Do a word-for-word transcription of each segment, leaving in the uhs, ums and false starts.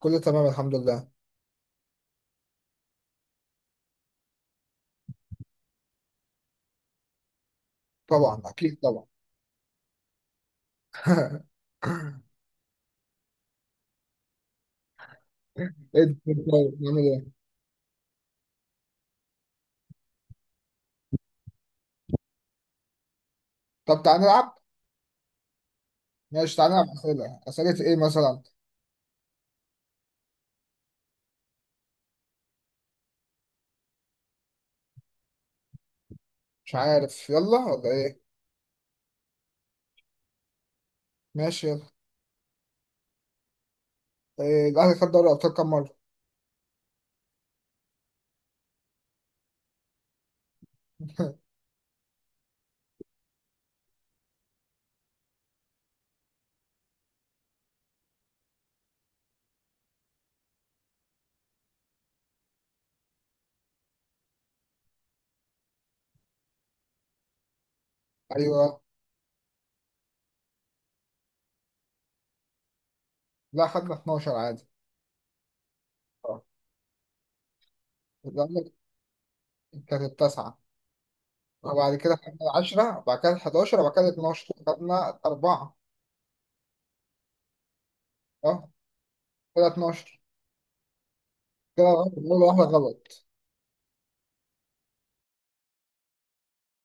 كله تمام، الحمد لله. طبعا، اكيد طبعا. ايه ده؟ طيب نعمل ايه؟ طب تعالى نلعب. ماشي تعالى نلعب اسئله، اسئله ايه مثلا؟ مش عارف، يلا ولا ايه؟ ماشي يلا. إيه، الاهلي خد دوري الابطال كام مره؟ ايوه. لا، خدنا اتناشر عادي. اه الاهلي كانت التاسعه، وبعد كده خدنا عشرة، وبعد كده حداشر، وبعد كده اتناشر خدنا اربعه. اه كده اتناشر. كده غلط ولا واحده غلط؟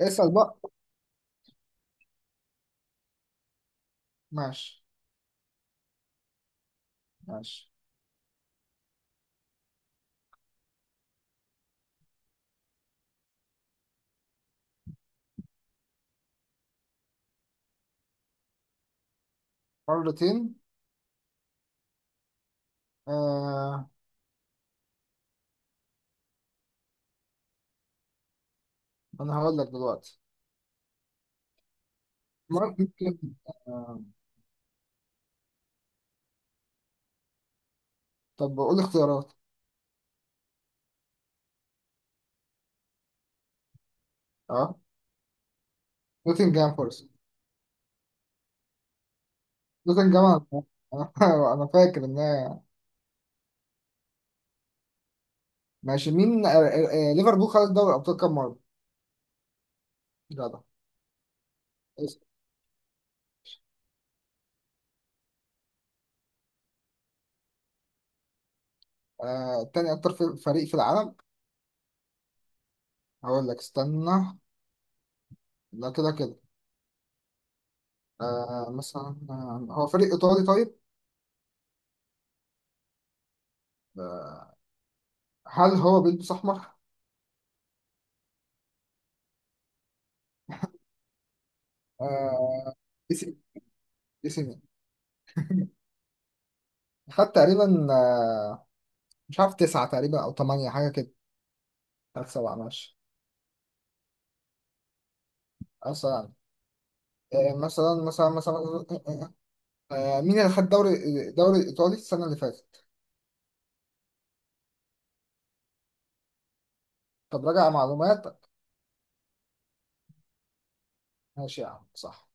اسال بقى. ماشي ماشي. مرتين. آه انا هقول لك دلوقتي. مارك ممكن. آه، طب قول اختيارات. اه، نوتنجهام فورست. نوتنجهام. انا. أنا- أنا فاكر ان هي. ماشي. مين آه، آه، آه، ليفربول خد دوري الابطال كام مره؟ لا ده. اسم. آه، تاني اكتر في- فريق في العالم. هقول لك استنى. لا كده كده. آه مثلا، آه، هو فريق ايطالي طيب. آه، هل هو بيلبس احمر؟ آه. اسم. اسم. خد تقريبا، آه، مش عارف، تسعة تقريبا او ثمانية، حاجه كده. خد سبعة ماشي. أصلا آه، مثلا مثلا مثلا آه، مين اللي خد دوري الدوري الإيطالي السنة اللي فاتت؟ طب راجع معلوماتك. ماشي يا عم صح.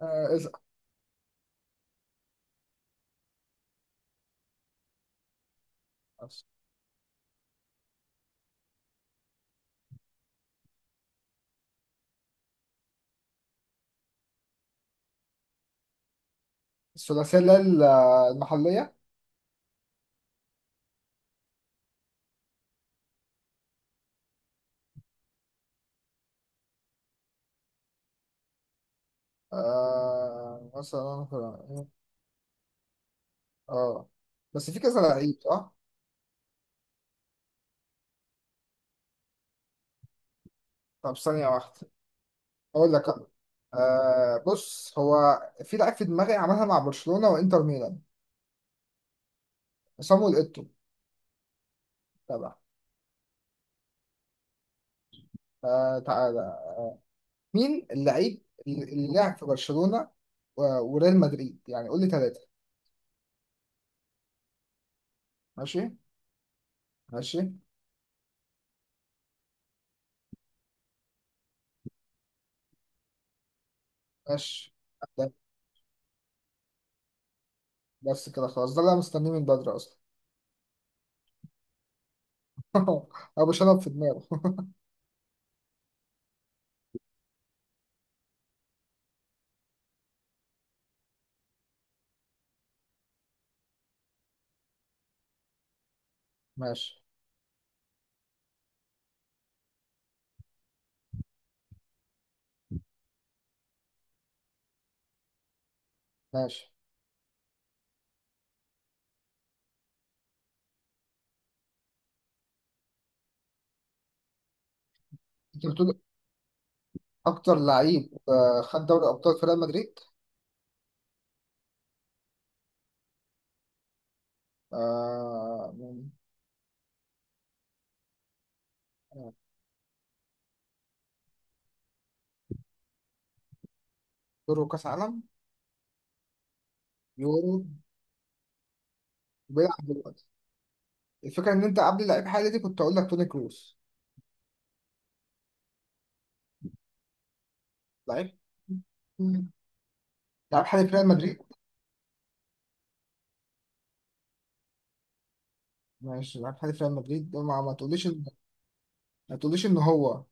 آه، اسأل. الثلاثية اللي هي ال- المحلية. آه، مثلا اه بس في كذا لعيب صح؟ طب ثانية واحدة أقول لك أنا. آه، بص هو، في لعيب في دماغي عملها مع برشلونة وإنتر ميلان. صامويل إيتو. تبع. آه، تعالى. مين اللعيب اللي اللي لعب في برشلونة و- وريال مدريد، يعني قول لي ثلاثة. ماشي. ماشي. ماشي. ده- بس كده خلاص، ده اللي انا مستنيه من بدري اصلا. ابو شنب في دماغه. ماشي. ماشي. انت بتقول اكتر لعيب آه، خد دوري ابطال في ريال مدريد. آه، من- آه، يورو كاس عالم. يورو. بيلعب دلوقتي. الفكره ان انت قبل لعيب حالي دي كنت اقول لك توني كروس. لعيب. مم. لعيب حالي في ريال مدريد. ماشي. لعيب حالي في ريال مدريد، ما, ما تقوليش. ما تقوليش ان هو...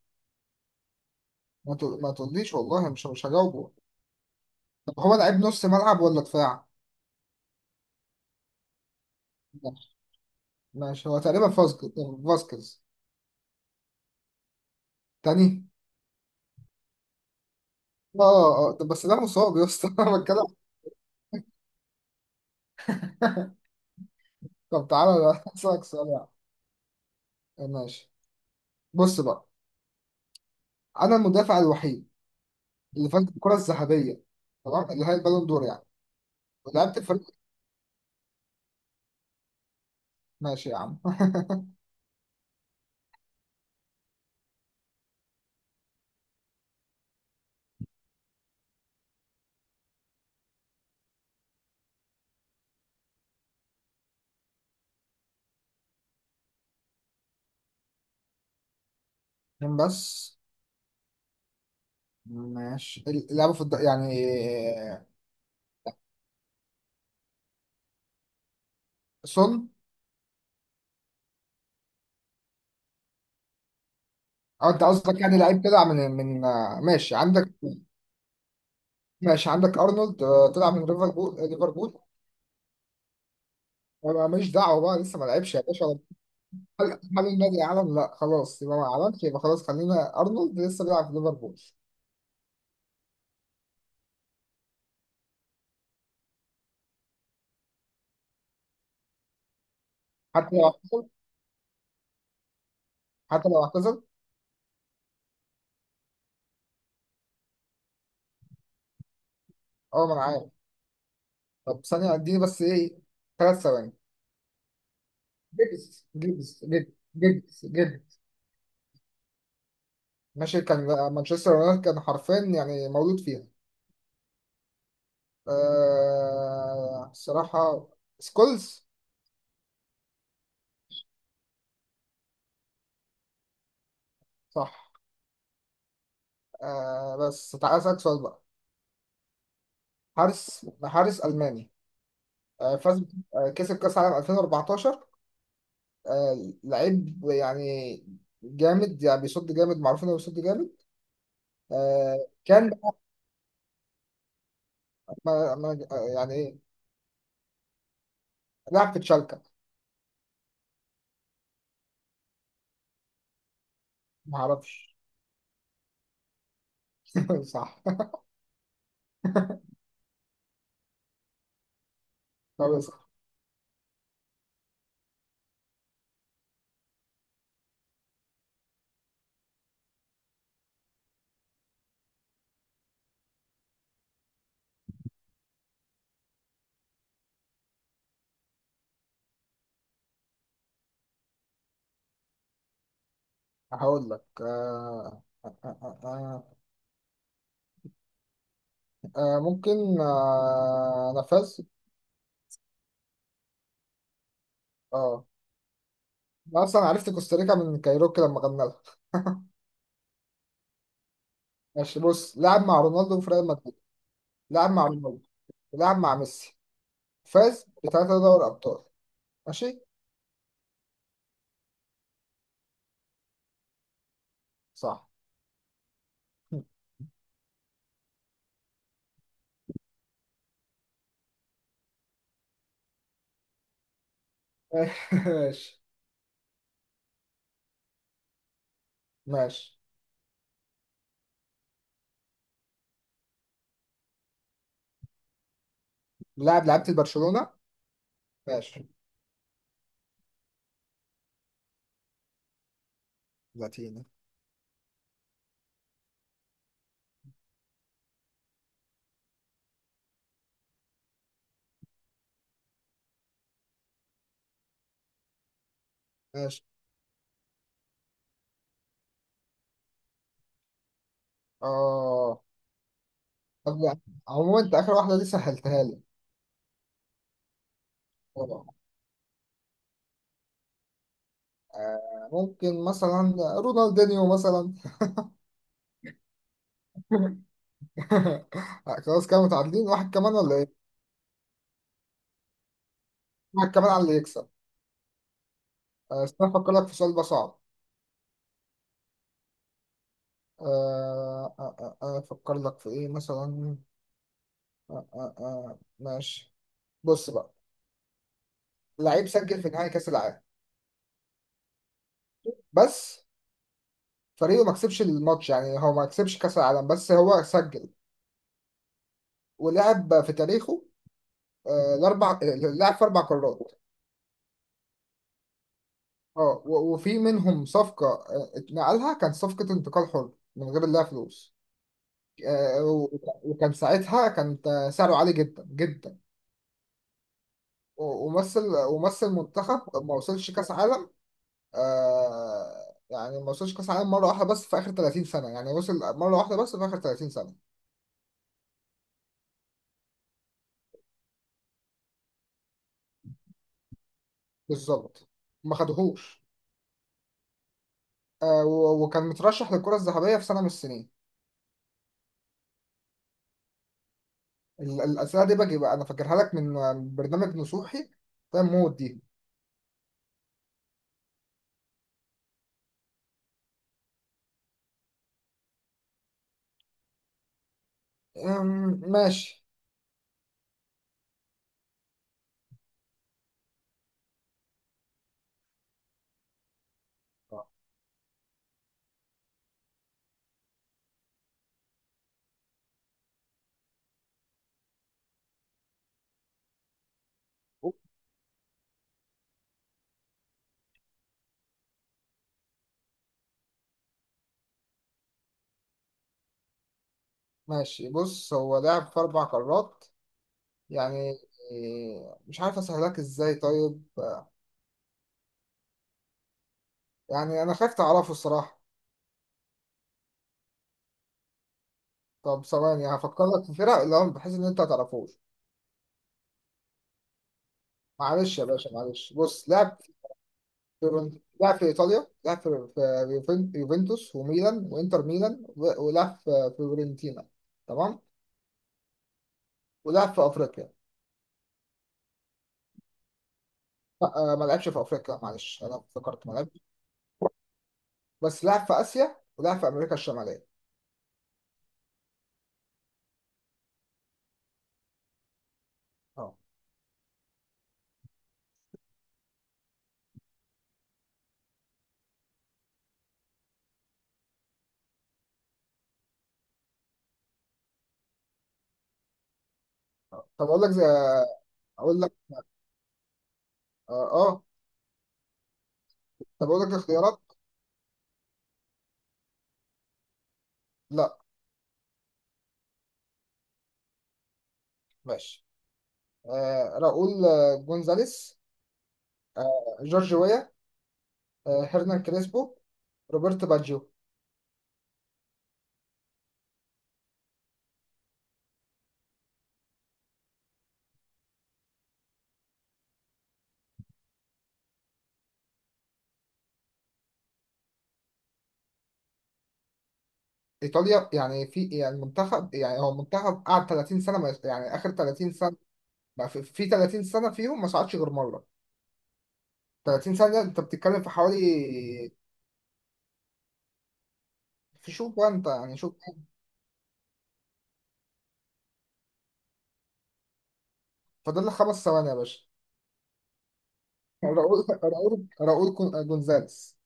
ما, تقول... ما تقوليش والله، مش مش هجاوبه. طب هو لعيب نص ملعب ولا دفاع؟ ماشي. ماشي، هو تقريبا فاسكيز. فاسكيز. تاني. اه اه، آه، طب بس ده مصاب يا اسطى. انا بتكلم. طب تعالى بقى، اسالك سؤال. يعني ماشي. بص بقى، انا المدافع الوحيد اللي فاز بالكرة الذهبية، تمام، اللي هي البالون دور يعني، ولعبت الفريق. ماشي يا عم. اتنين بس. ماشي. اللعبة في الد... يعني. سون. اه، انت قصدك يعني لعيب كده من من. ماشي عندك. ماشي عندك ارنولد، آه، طلع من ليفربول، آه، ليفربول. انا ماليش دعوه بقى، لسه ما لعبش يا باشا. هل هل النادي اعلن؟ لا خلاص، يبقى ما اعلنش، يبقى خلاص، خلينا ارنولد لسه بيلعب في ليفربول. حتى لو اعتزل. حتى لو اعتزل. اه ما انا عارف. طب ثانيه اديني بس ايه، ثلاث ثواني. جيجز جيجز جيجز جيجز جيجز. ماشي، كان مانشستر يونايتد، كان حرفيا يعني مولود فيها. آه، الصراحه، سكولز. صح. آه بس تعالى اسالك سؤال بقى. حارس. حارس الماني، آه، فاز، آه، كسب كأس عالم الفين واربعتاشر. آه، لعيب يعني جامد يعني، بيصد جامد، معروف انه بيصد جامد. آه، كان ما ما آه، يعني لعب في تشالكا. ما اعرفش. صح. خلاص. هقول لك آه، آه، آه، آه، آه، آه، آه، ممكن، آه، انا فاز. اه. انا اصلا عرفت كوستاريكا من كايروكي لما غنى لها. ماشي بص، لعب مع رونالدو في ريال مدريد. لعب مع رونالدو. لعب مع ميسي. فاز بثلاثة دوري ابطال. ماشي. صح. ماشي. ماشي لاعب لعبت برشلونة. ماشي. لاتيني. ماشي. اه. طب عموما، انت اخر واحدة دي سهلتها لي. آه، ممكن مثلا رونالدينيو مثلا. خلاص كده متعادلين، واحد كمان ولا ايه؟ واحد كمان على اللي يكسب. آه، استنى افكر لك في سؤال بقى صعب. آه، آه، آه، آه، آه، افكر لك في ايه مثلا؟ آه، آه، آه، ماشي بص بقى، لعيب سجل في نهائي كاس العالم، بس فريقه ما كسبش الماتش، يعني هو ما كسبش كاس العالم بس هو سجل. ولعب في تاريخه آه، الاربع آه، لعب في اربع قارات. اه و- وفي منهم صفقه، آه، اتنقلها، كان صفقه انتقال حر من غير لا فلوس. آه، و- وكان ساعتها كان سعره عالي جدا جدا، و- ومثل ومثل منتخب ما وصلش كاس عالم. آه، يعني ما وصلش كاس عالم، مره واحده بس في اخر تلاتين سنه، يعني وصل مره واحده بس في اخر تلاتين سنه. بالظبط. ما خدهوش. آه، و- وكان مترشح للكرة الذهبية في سنة من السنين. ال- الأسئلة دي باجي بقى، أنا فاكرها لك من من برنامج نصوحي. فاهم موت دي. أم، ماشي. ماشي بص، هو لعب في أربع قارات يعني. إيه، مش عارف أسهلك إزاي طيب. يعني أنا خايف تعرفه الصراحة. طب ثواني هفكر لك في فرق، اللي هو بحيث إن أنت ما تعرفوش. معلش يا باشا معلش، بص لعب فيورنت- لعب في إيطاليا، لعب في في يوفن- يوفنتوس وميلان وإنتر ميلان و- ولعب في فيورنتينا. تمام. ولعب في أفريقيا. لا آه، ما لعبش في أفريقيا معلش، أنا افتكرت ما لعبش. بس لعب في آسيا ولعب في أمريكا الشمالية. اه. آه. طب أقول لك زي، أقول لك، آه, آه طب أقول لك اختيارات. لا. ماشي. آه راؤول، آه، جونزاليس، آه جورج ويا، آه هيرنان كريسبو، روبرت باجيو. ايطاليا يعني، في يعني منتخب، يعني هو منتخب قعد تلاتين سنه ما- يعني اخر تلاتين سنه، بقى في في تلاتين سنة فيهم ما صعدش غير مرة. تلاتين سنة انت بتتكلم في حوالي. في شوف بقى انت يعني شوف. فاضل لك خمس ثواني يا باشا. راؤول راؤول راؤول كون- جونزاليس.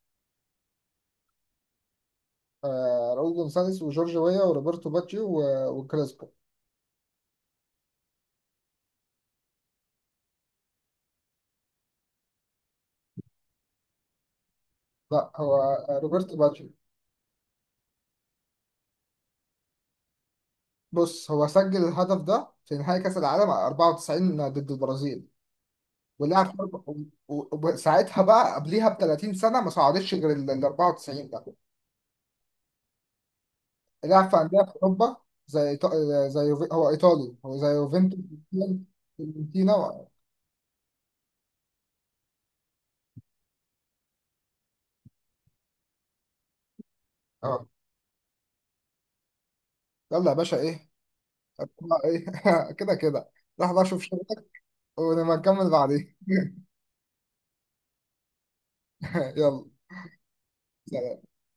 آه، راؤول جونزاليس وجورج ويا وروبرتو باجيو و- وكريسبو. لا هو روبرتو باجيو. بص هو سجل الهدف ده في نهائي كأس العالم اربعه وتسعين ضد البرازيل. ولعب حرب- و- و- وساعتها بقى قبليها ب تلاتين سنة ما صعدش غير ال ال اربعه وتسعين. لعب في أندية في أوروبا، زي إيطا- زي يوفي- هو إيطالي، هو زي يوفنتوس، فيورنتينا و- اه. يلا يا باشا إيه. أتوقع إيه. كده كده. راح بقى أشوف شغلك ونبقى نكمل بعدين. يلا سلام.